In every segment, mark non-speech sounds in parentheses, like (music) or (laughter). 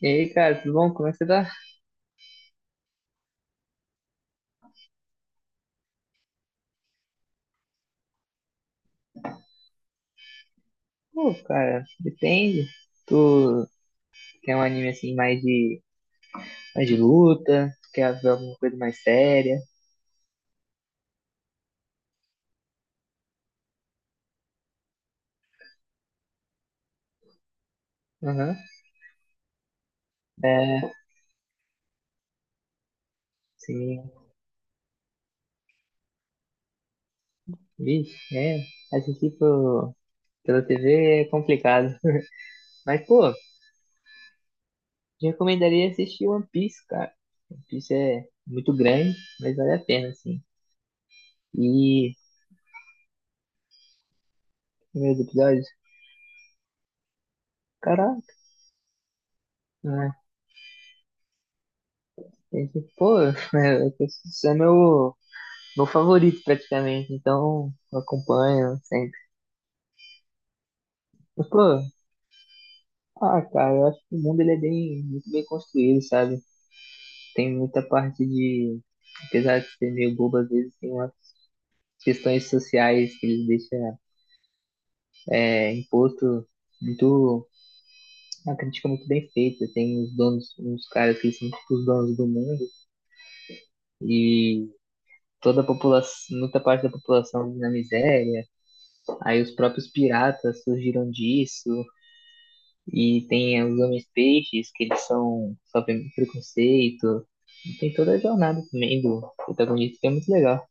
E aí, cara, tudo bom? Como é que você tá? Pô, cara, depende. Tu quer um anime assim mais de luta? Tu quer ver alguma coisa mais séria? Aham. Sim. Vixe, é. Assistir pela TV é complicado. Mas, pô, te recomendaria assistir One Piece, cara. One Piece é muito grande, mas vale a pena, assim. E primeiros episódios, caraca, né? Esse, pô, (laughs) é, esse é meu favorito praticamente, então eu acompanho sempre. Mas, pô, ah, cara, eu acho que o mundo ele é bem, muito bem construído, sabe? Tem muita parte de, apesar de ser meio bobo às vezes, tem umas questões sociais que eles deixam é, imposto muito, uma crítica muito bem feita. Tem os donos, uns caras que são tipo os donos do mundo e toda a população, muita parte da população na miséria. Aí os próprios piratas surgiram disso. E tem os homens peixes, que eles são sofrem preconceito. E tem toda a jornada também do protagonista, que é muito legal.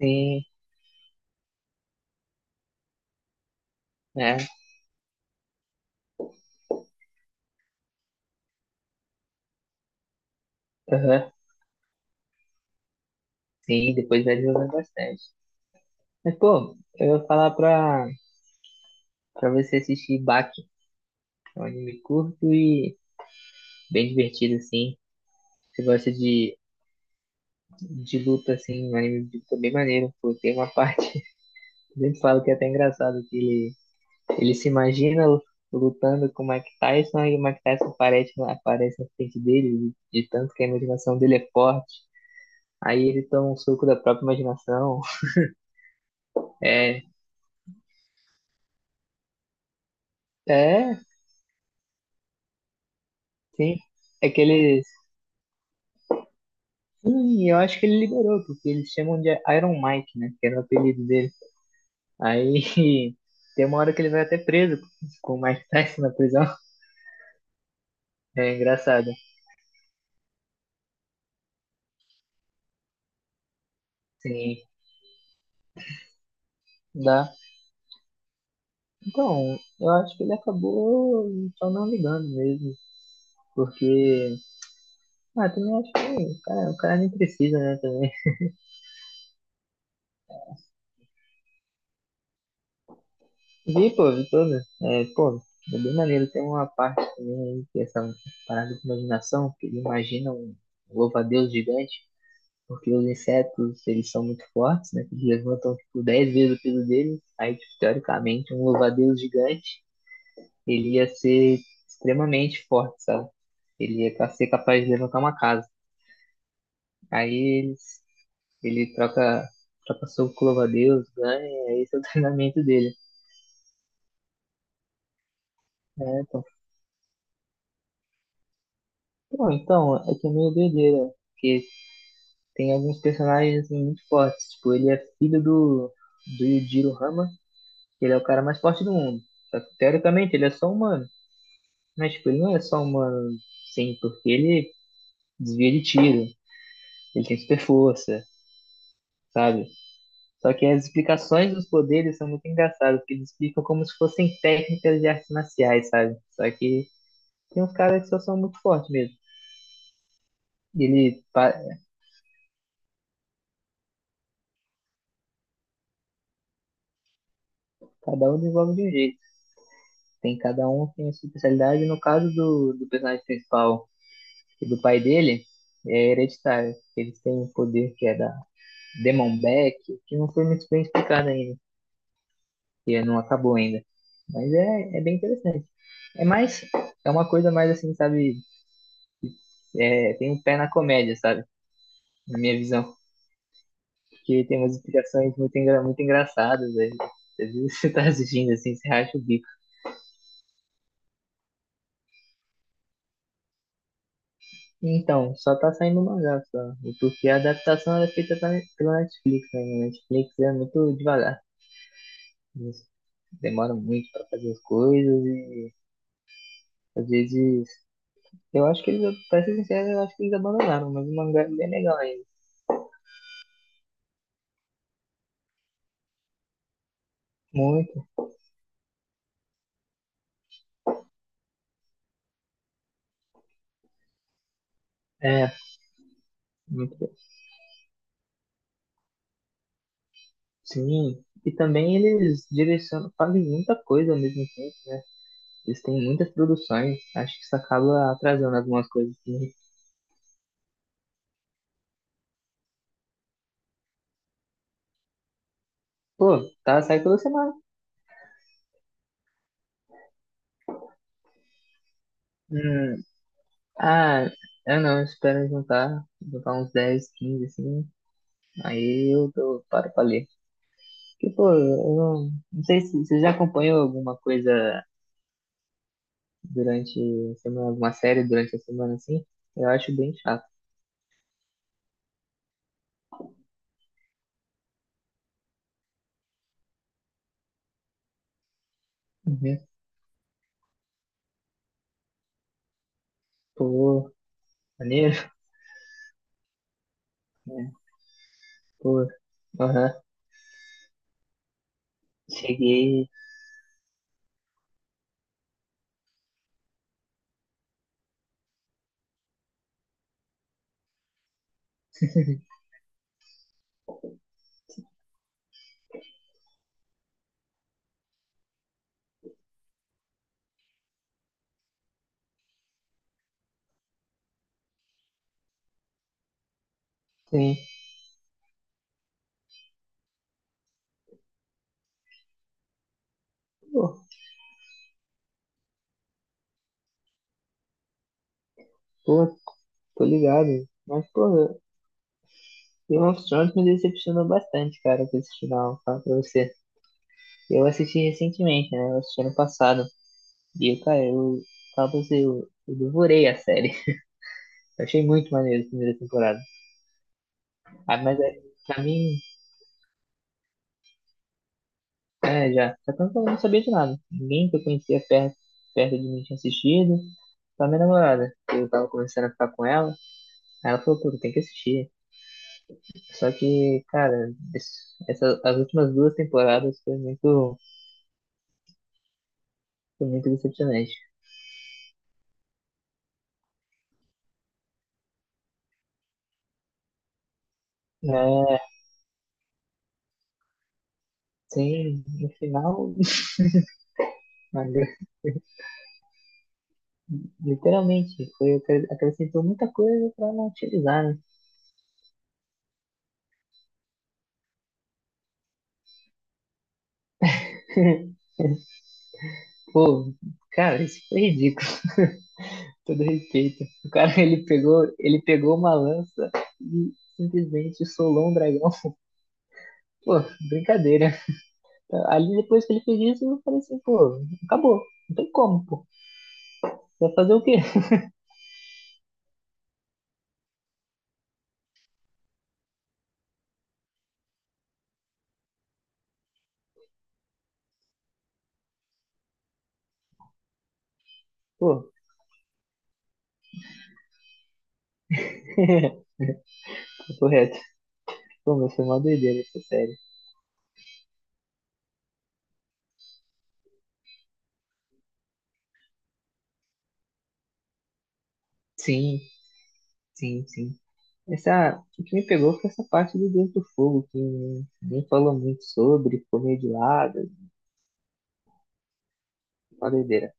Sim, é. Aham, sim, depois vai desenvolver bastante. Mas, pô, eu ia pra você assistir Baki, que é um anime curto e bem divertido, assim. Você gosta de luta, assim, um anime de luta bem maneiro, pô. Tem uma parte, (laughs) eu sempre falo que é até engraçado, que ele Ele se imagina lutando com o Mike Tyson e o Mike Tyson aparece na frente dele, de tanto que a imaginação dele é forte. Aí ele toma um suco da própria imaginação. É, é, sim. É que ele. Sim, eu acho que ele liberou, porque eles chamam de Iron Mike, né? Que era o apelido dele. Aí (laughs) tem uma hora que ele vai até preso com o Mike Tyson na prisão. É engraçado. Sim, dá. Então, eu acho que ele acabou só não ligando mesmo, porque ah, também acho que, cara, o cara nem precisa, né, também. Vi, pô, vi todo. É, pô, é bem maneiro. Tem uma parte também aí, que é essa parada de imaginação, que ele imagina um louva-a-Deus gigante, porque os insetos, eles são muito fortes, né, que eles levantam, tipo, 10 vezes o peso deles. Aí, tipo, teoricamente, um louva-a-Deus gigante, ele ia ser extremamente forte, sabe? Ele ia ser capaz de levantar uma casa. Aí eles ele troca, troca soco com o louva-a-Deus, ganha, aí esse é o (laughs) treinamento dele. É, então. Pô, então, é que é meio doideira. Porque tem alguns personagens assim, muito fortes. Tipo, ele é filho do Yujiro Hama, que ele é o cara mais forte do mundo. Só que, teoricamente, ele é só humano. Mas, tipo, ele não é só humano, sim, porque ele desvia de tiro, ele tem super força, sabe? Só que as explicações dos poderes são muito engraçadas, porque eles explicam como se fossem técnicas de artes marciais, sabe? Só que tem uns caras que só são muito fortes mesmo. Ele, pa- Cada um desenvolve de um jeito. Tem cada um tem a sua especialidade. No caso do personagem principal e do pai dele, é hereditário. Eles têm um poder que é da Demon Back, que não foi muito bem explicado ainda, que é, não acabou ainda. Mas é, é bem interessante. É mais, é uma coisa mais assim, sabe? É, tem um pé na comédia, sabe? Na minha visão. Porque tem umas explicações muito engraçadas. Né? Às vezes (laughs) você tá assistindo assim, você racha o bico. Então, só tá saindo mangá só. E porque a adaptação era feita pela Netflix, né? E a Netflix é muito devagar. Eles demoram muito pra fazer as coisas e às vezes. Eu acho que eles, pra ser sincero, eu acho que eles abandonaram, mas o mangá é bem legal ainda. Muito, é, muito bom. Sim. E também eles direcionam, fazem muita coisa ao mesmo tempo. Eles têm muitas produções. Acho que isso acaba atrasando algumas coisas. Também. Pô, tá sai toda semana. Hum, Ah, eu não, eu espero juntar uns 10 15 assim, paro pra ler. Porque, pô, eu não, não sei se você já acompanhou alguma coisa durante a semana, alguma série durante a semana, assim, eu acho bem chato. Uhum. Pô, maneiro, né? Pô, aham, cheguei, sim, pô, pô, tô ligado. Mas, pô, Game of Thrones me decepcionou bastante, cara, com esse final, falo pra você. Eu assisti recentemente, né, eu assisti ano passado. E, cara, eu falo pra você, eu devorei a série. Eu achei muito maneiro a primeira temporada. Ah, mas é, pra mim, é, já. Só que eu não sabia de nada. Ninguém que eu conhecia perto, perto de mim tinha assistido. Só minha namorada. Eu tava começando a ficar com ela. Aí ela falou, pô, tu tem que assistir. Só que, cara, as últimas duas temporadas foi muito decepcionante. É, sim, no final, (laughs) mas, literalmente, acrescentou muita coisa pra não utilizar, né? (laughs) Pô, cara, isso foi ridículo, (laughs) com todo respeito. O cara, (laughs) ele pegou uma lança e simplesmente solou um dragão. Pô, brincadeira. Ali depois que ele fez isso, eu falei assim, pô, acabou. Não tem como, pô. Vai fazer o quê? Pô, (laughs) correto. Pô, mas foi uma doideira essa série. Sim, sim, sim. Essa, o que me pegou foi essa parte do Deus do Fogo, que nem falou muito sobre, ficou meio de lado, uma doideira.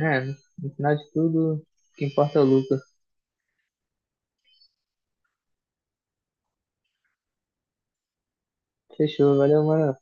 É, no final de tudo, o que importa é o lucro. Fechou, valeu, mano.